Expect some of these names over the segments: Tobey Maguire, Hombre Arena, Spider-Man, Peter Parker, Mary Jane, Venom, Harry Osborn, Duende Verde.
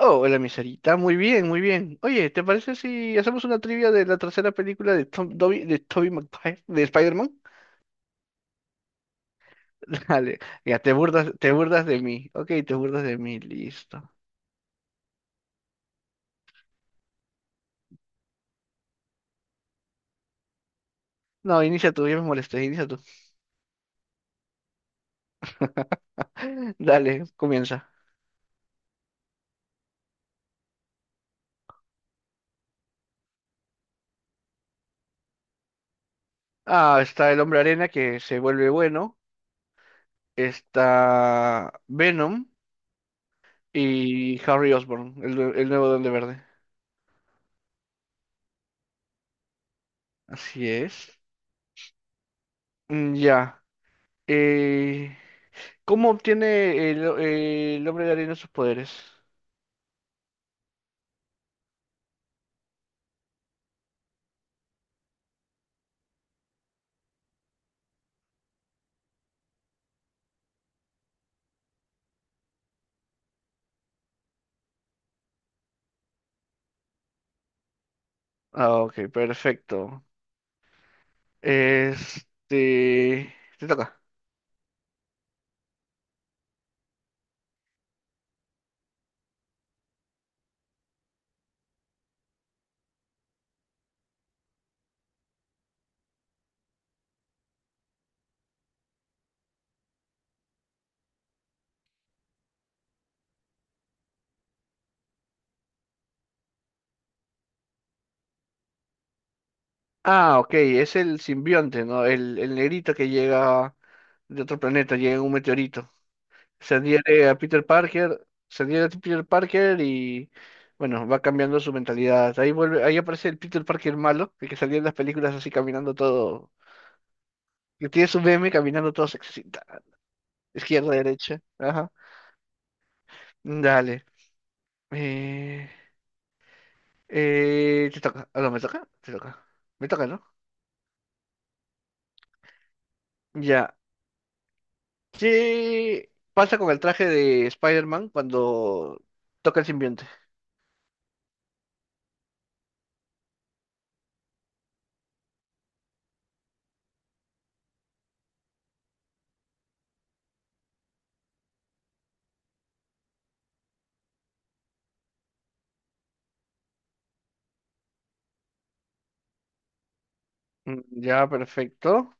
Oh, hola, mi Sarita. Muy bien, muy bien. Oye, ¿te parece si hacemos una trivia de la tercera película de Tobey Maguire, de Spider-Man? Dale, ya te burdas de mí. Ok, te burdas de mí, listo. No, inicia tú, ya me molesté, inicia tú. Dale, comienza. Ah, está el Hombre Arena que se vuelve bueno. Está Venom y Harry Osborn, el nuevo Duende Verde. Así es. Mm, ya. eh, ¿Cómo obtiene el hombre de arena sus poderes? Ah, ok, perfecto. Este... Te toca. Ah, ok, es el simbionte, ¿no? El negrito que llega de otro planeta, llega en un meteorito. Se adhiere a Peter Parker, se adhiere a Peter Parker y, bueno, va cambiando su mentalidad. Ahí vuelve, ahí aparece el Peter Parker malo, el que salía en las películas así caminando todo, que tiene su meme caminando todo sexy. Ta, izquierda, derecha, ajá. Dale. Eh, te toca. Ah, no, me toca. Te toca. Me toca, ¿no? Ya. ¿Qué pasa con el traje de Spider-Man cuando toca el simbionte? Mm, ya, perfecto.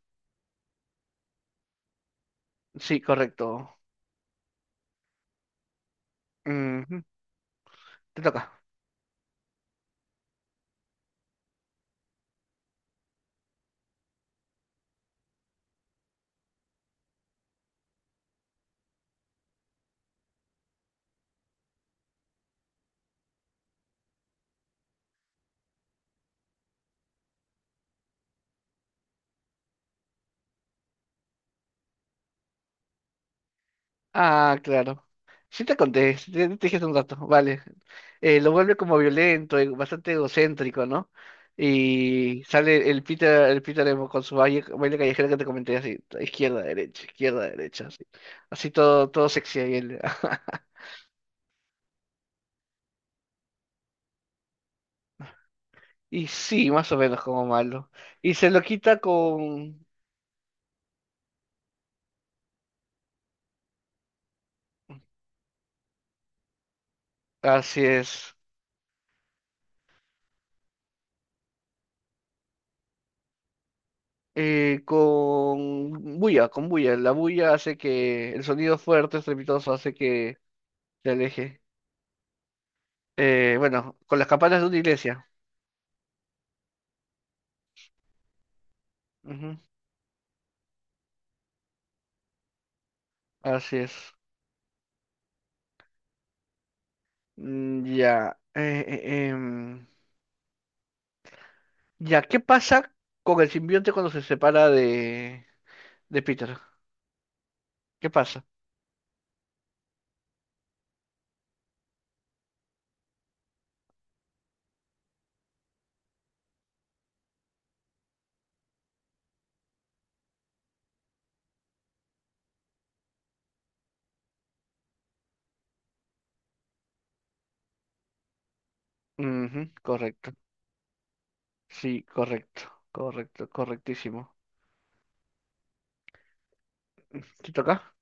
Sí, correcto. Ujú, te toca. Ah, claro. Sí te conté, te dije hace un rato, vale. Lo vuelve como violento, bastante egocéntrico, ¿no? Y sale el Peter emo con su baile, baile callejero que te comenté así, izquierda, derecha, así. Así todo, todo sexy ahí él. Y sí, más o menos como malo. Y se lo quita con... Así es. Con bulla, con bulla. La bulla hace que el sonido fuerte, estrepitoso, hace que se aleje. Bueno, con las campanas de una iglesia. Ujú, así es. Mm, ya. Ya, ¿qué pasa con el simbionte cuando de Peter? ¿Qué pasa? Ujú, correcto. Sí, correcto. Correcto, correctísimo. ¿Te toca?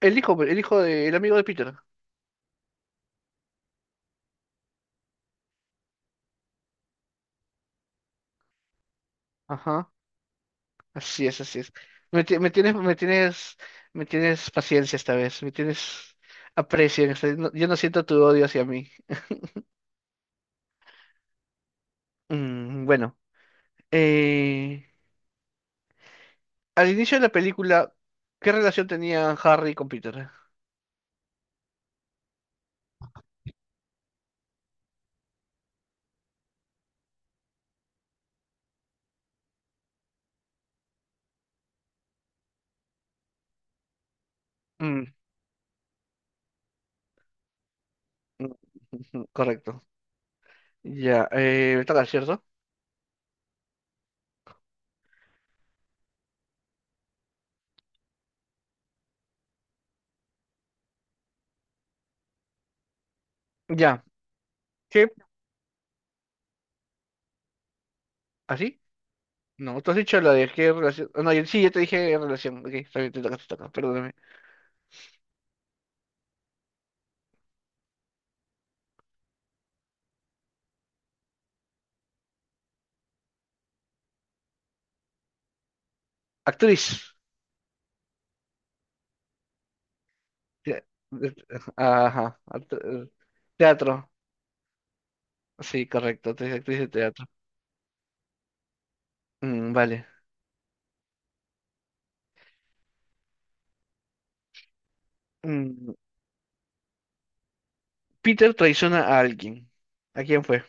El hijo del amigo de Peter. Ajá, así es, así es. Me, ti- me tienes, me tienes, me tienes paciencia esta vez, me tienes aprecio en esta- no- yo no siento tu odio hacia mí. Mm, bueno, eh, al inicio de la película, ¿qué relación tenía Harry con Peter? Mm, mm, ujú, correcto. Ya, me toca, ¿cierto? Ya, ¿qué? ¿Así? No, tú has dicho la de qué relación. No, sí, yo te dije relación. Ok, está bien, te toca, perdóname. Actriz. Te- Ajá. Teatro. Sí, correcto. Actriz de teatro. Mm, vale. Mm, Peter traiciona a alguien. ¿A quién fue?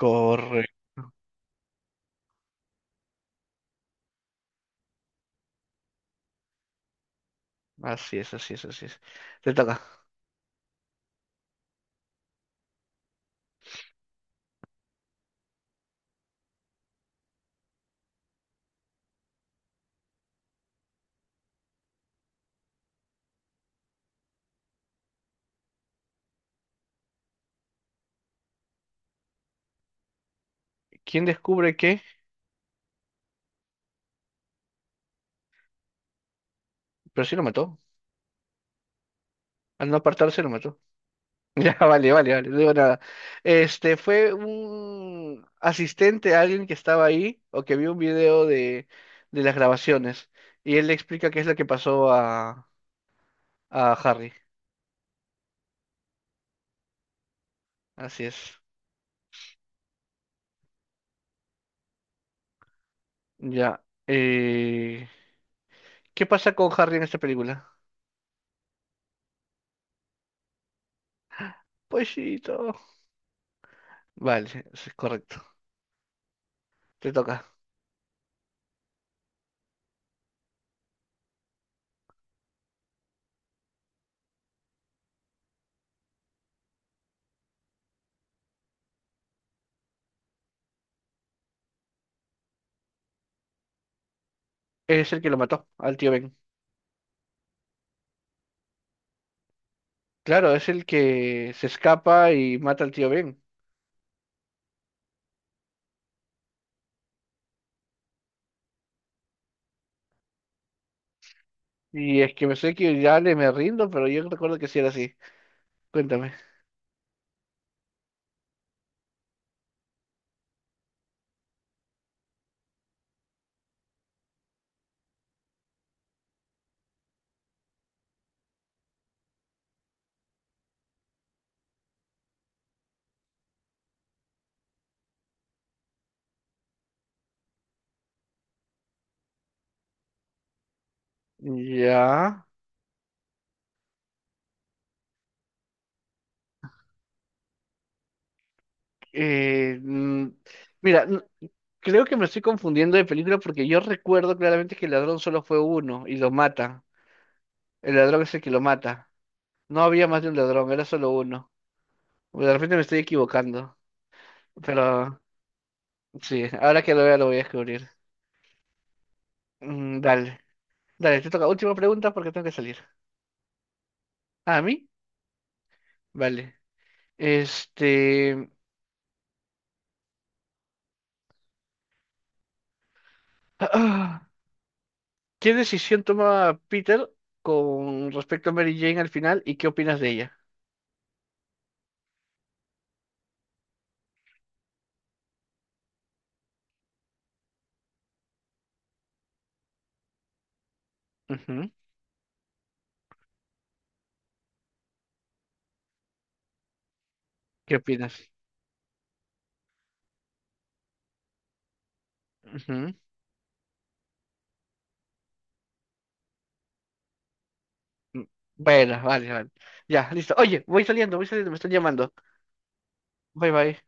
Correcto. Así es, así es, así es. Te toca. ¿Quién descubre qué? Pero sí lo mató. Al no apartarse lo mató. Ya, vale, vale, vale. No digo nada. Este fue un asistente, alguien que estaba ahí o que vio un video de las grabaciones. Y él le explica qué es lo que pasó a Harry. Así es. Ya. ¿Qué pasa con Harry en esta película? Poesito. Vale, eso es correcto. Te toca. Es el que lo mató al tío Ben. Claro, es el que se escapa y mata al tío Ben. Y es que me sé que ya le me rindo, pero yo recuerdo que sí era así. Cuéntame. Ya. eh, mm, mira, creo que me estoy confundiendo de película porque yo recuerdo claramente que el ladrón solo fue uno y lo mata. El ladrón es el que lo mata. No había más de un ladrón, era solo uno. Pues, de repente me estoy equivocando, pero sí, ahora que lo vea lo voy a descubrir. Mm, dale, dale, te toca. Última pregunta porque tengo que salir. ¿Ah, ¿a mí? Vale. Este... ¿Qué decisión toma Peter con respecto a Mary Jane al final y qué opinas de ella? Ujú, ¿qué opinas? Ujú. Mm, bueno, vale, vale. Ya, listo. Oye, voy saliendo, me están llamando. Bye, bye.